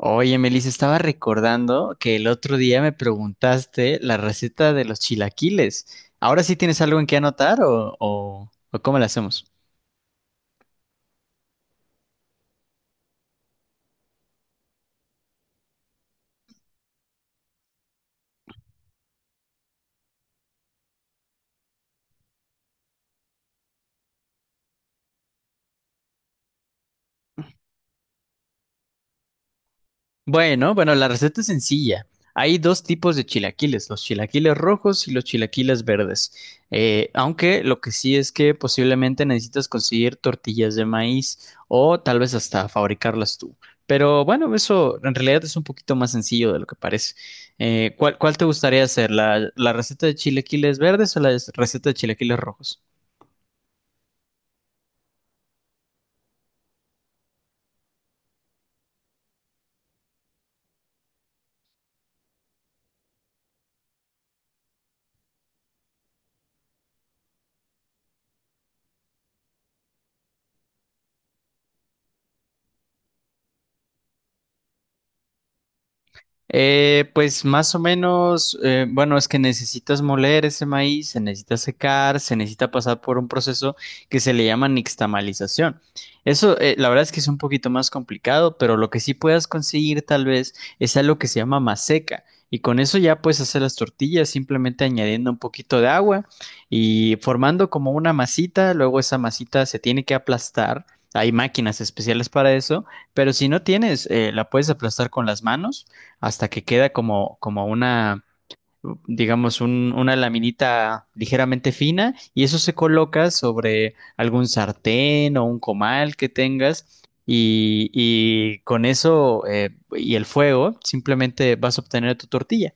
Oye, Melissa, estaba recordando que el otro día me preguntaste la receta de los chilaquiles. ¿Ahora sí tienes algo en qué anotar o cómo la hacemos? Bueno, la receta es sencilla. Hay dos tipos de chilaquiles, los chilaquiles rojos y los chilaquiles verdes. Aunque lo que sí es que posiblemente necesitas conseguir tortillas de maíz o tal vez hasta fabricarlas tú. Pero bueno, eso en realidad es un poquito más sencillo de lo que parece. ¿Cuál te gustaría hacer? ¿La receta de chilaquiles verdes o la receta de chilaquiles rojos? Pues más o menos, bueno, es que necesitas moler ese maíz, se necesita secar, se necesita pasar por un proceso que se le llama nixtamalización. Eso, la verdad es que es un poquito más complicado, pero lo que sí puedas conseguir tal vez es algo que se llama maseca. Y con eso ya puedes hacer las tortillas simplemente añadiendo un poquito de agua y formando como una masita. Luego esa masita se tiene que aplastar. Hay máquinas especiales para eso, pero si no tienes, la puedes aplastar con las manos hasta que queda como una, digamos, una laminita ligeramente fina y eso se coloca sobre algún sartén o un comal que tengas y con eso y el fuego simplemente vas a obtener tu tortilla.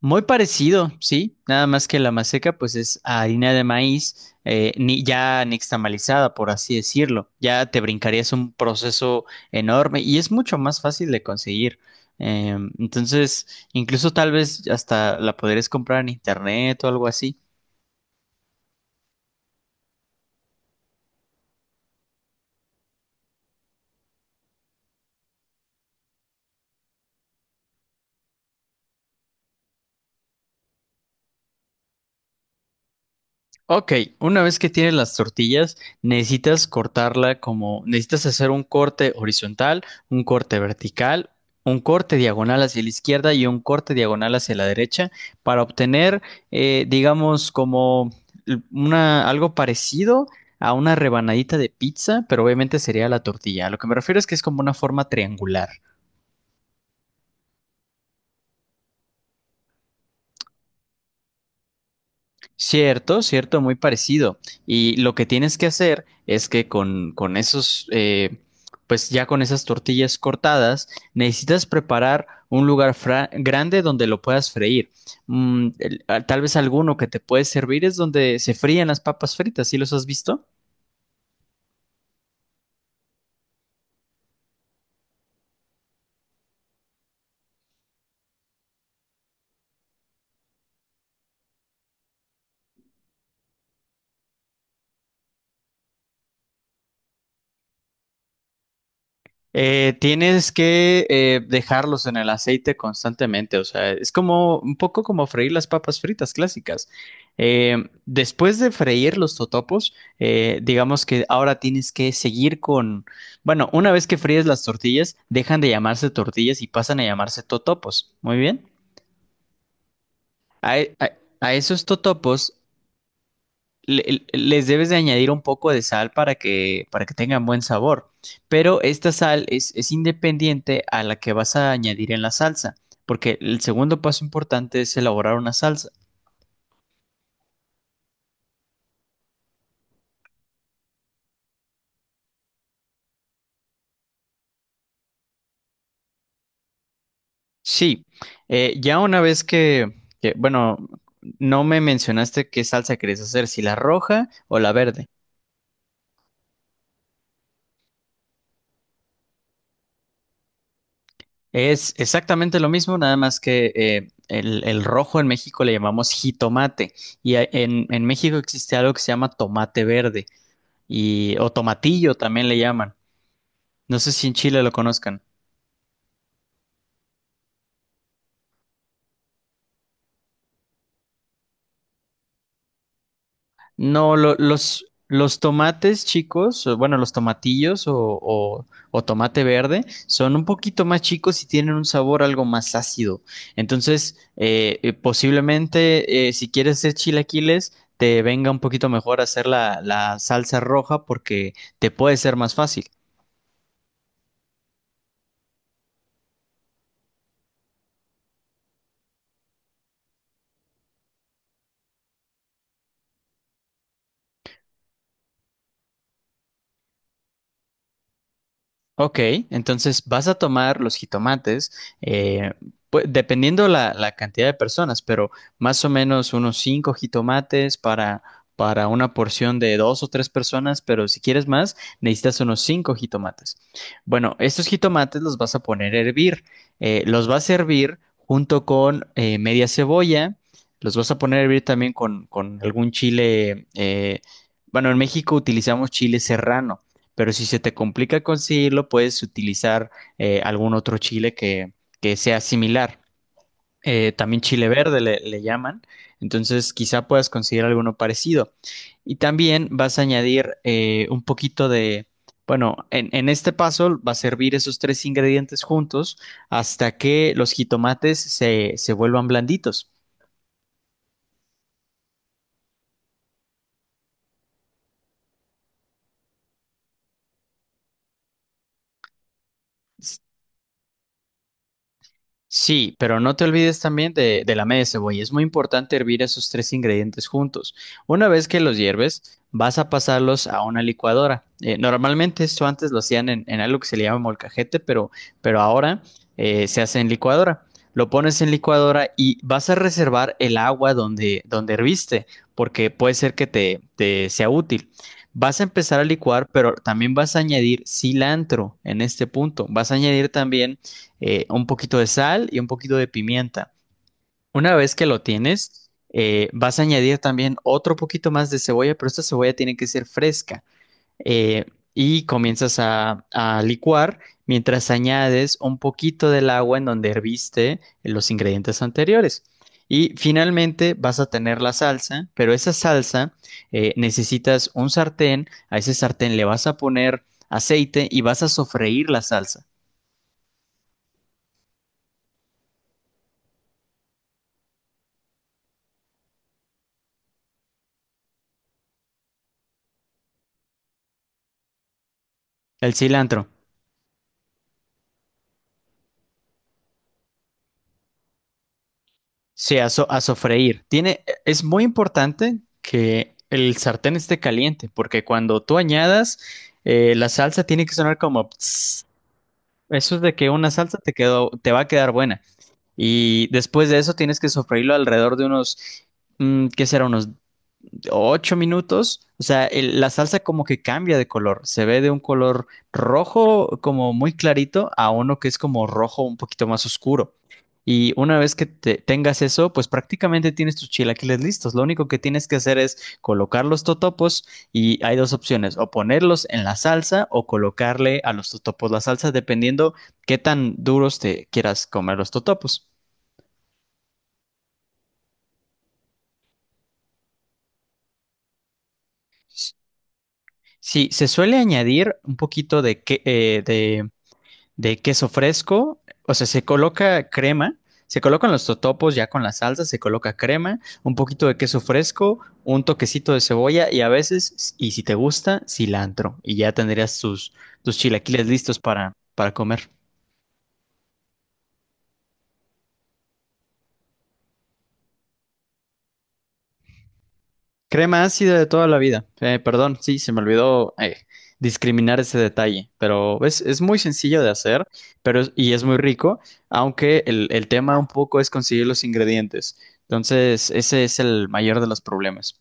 Muy parecido, sí, nada más que la maseca pues es harina de maíz ni, ya nixtamalizada, por así decirlo. Ya te brincarías un proceso enorme y es mucho más fácil de conseguir. Entonces, incluso tal vez hasta la podrías comprar en internet o algo así. Ok, una vez que tienes las tortillas, necesitas cortarla como, necesitas hacer un corte horizontal, un corte vertical, un corte diagonal hacia la izquierda y un corte diagonal hacia la derecha para obtener, digamos, como algo parecido a una rebanadita de pizza, pero obviamente sería la tortilla. A lo que me refiero es que es como una forma triangular. Cierto, cierto, muy parecido. Y lo que tienes que hacer es que con esos, pues ya con esas tortillas cortadas, necesitas preparar un lugar grande donde lo puedas freír. Mm, tal vez alguno que te puede servir es donde se fríen las papas fritas, ¿sí los has visto? Tienes que dejarlos en el aceite constantemente, o sea, es como un poco como freír las papas fritas clásicas. Eh, Después de freír los totopos, digamos que ahora tienes que seguir bueno, una vez que fríes las tortillas, dejan de llamarse tortillas y pasan a llamarse totopos. Muy bien. A, e- a- a esos totopos les debes de añadir un poco de sal para para que tengan buen sabor. Pero esta sal es independiente a la que vas a añadir en la salsa, porque el segundo paso importante es elaborar una salsa. Sí, ya una vez que, bueno, no me mencionaste qué salsa querías hacer, si la roja o la verde. Es exactamente lo mismo, nada más que el rojo en México le llamamos jitomate y en en México existe algo que se llama tomate verde. Y o tomatillo también le llaman. No sé si en Chile lo conozcan. No, los tomates chicos, o bueno, los tomatillos o- o tomate verde son un poquito más chicos y tienen un sabor algo más ácido. Entonces, posiblemente si quieres hacer chilaquiles, te venga un poquito mejor hacer la salsa roja porque te puede ser más fácil. Ok, entonces vas a tomar los jitomates, eh, dependiendo la cantidad de personas, pero más o menos unos cinco jitomates para una porción de dos o tres personas, pero si quieres más, necesitas unos cinco jitomates. Bueno, estos jitomates los vas a poner a hervir, los vas a hervir junto con media cebolla, los vas a poner a hervir también con algún chile, bueno, en México utilizamos chile serrano. Pero si se te complica conseguirlo, puedes utilizar algún otro chile que sea similar. También chile verde le llaman. Entonces, quizá puedas conseguir alguno parecido. Y también vas a añadir un poquito de, bueno, en este paso va a servir esos tres ingredientes juntos hasta que los jitomates se vuelvan blanditos. Sí, pero no te olvides también de la media cebolla. Es muy importante hervir esos tres ingredientes juntos. Una vez que los hierves, vas a pasarlos a una licuadora. Normalmente esto antes lo hacían en algo que se le llama molcajete, pero ahora se hace en licuadora. Lo pones en licuadora y vas a reservar el agua donde herviste, porque puede ser que te sea útil. Vas a empezar a licuar, pero también vas a añadir cilantro en este punto. Vas a añadir también un poquito de sal y un poquito de pimienta. Una vez que lo tienes, vas a añadir también otro poquito más de cebolla, pero esta cebolla tiene que ser fresca. Eh, y comienzas a licuar mientras añades un poquito del agua en donde herviste los ingredientes anteriores. Y finalmente vas a tener la salsa, pero esa salsa necesitas un sartén, a ese sartén le vas a poner aceite y vas a sofreír la salsa. El cilantro. Sí, a sofreír. Es muy importante que el sartén esté caliente, porque cuando tú añadas, la salsa tiene que sonar como "Ps". Eso es de que una salsa te te va a quedar buena. Y después de eso tienes que sofreírlo alrededor de unos, mm, ¿qué será? Unos 8 minutos, o sea, la salsa como que cambia de color, se ve de un color rojo como muy clarito a uno que es como rojo un poquito más oscuro. Y una vez que tengas eso, pues prácticamente tienes tus chilaquiles listos. Lo único que tienes que hacer es colocar los totopos y hay dos opciones, o ponerlos en la salsa o colocarle a los totopos la salsa, dependiendo qué tan duros te quieras comer los totopos. Sí, se suele añadir un poquito de de queso fresco, o sea, se coloca crema, se colocan los totopos ya con la salsa, se coloca crema, un poquito de queso fresco, un toquecito de cebolla y a veces, y si te gusta, cilantro. Y ya tendrías tus, tus chilaquiles listos para comer. Crema ácida de toda la vida. Perdón, sí, se me olvidó discriminar ese detalle, pero es muy sencillo de hacer pero y es muy rico, aunque el tema un poco es conseguir los ingredientes. Entonces, ese es el mayor de los problemas.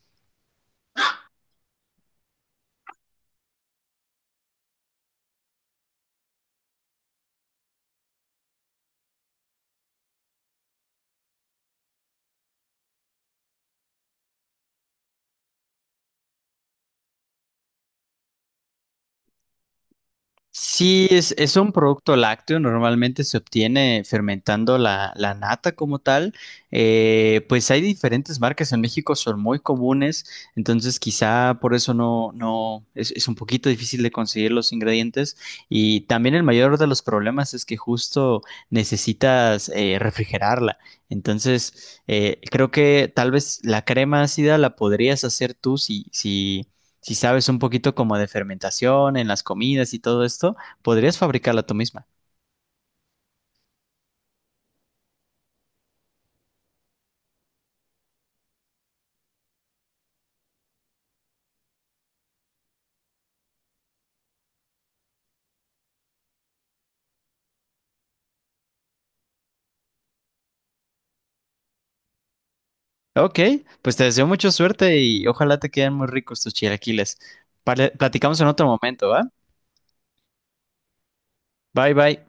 Sí, es un producto lácteo, normalmente se obtiene fermentando la nata como tal. Pues hay diferentes marcas en México, son muy comunes, entonces quizá por eso no, no, es un poquito difícil de conseguir los ingredientes. Y también el mayor de los problemas es que justo necesitas refrigerarla. Entonces, creo que tal vez la crema ácida la podrías hacer tú si si sabes un poquito como de fermentación en las comidas y todo esto, podrías fabricarla tú misma. Ok, pues te deseo mucha suerte y ojalá te queden muy ricos tus chilaquiles. Platicamos en otro momento, ¿va? Bye bye.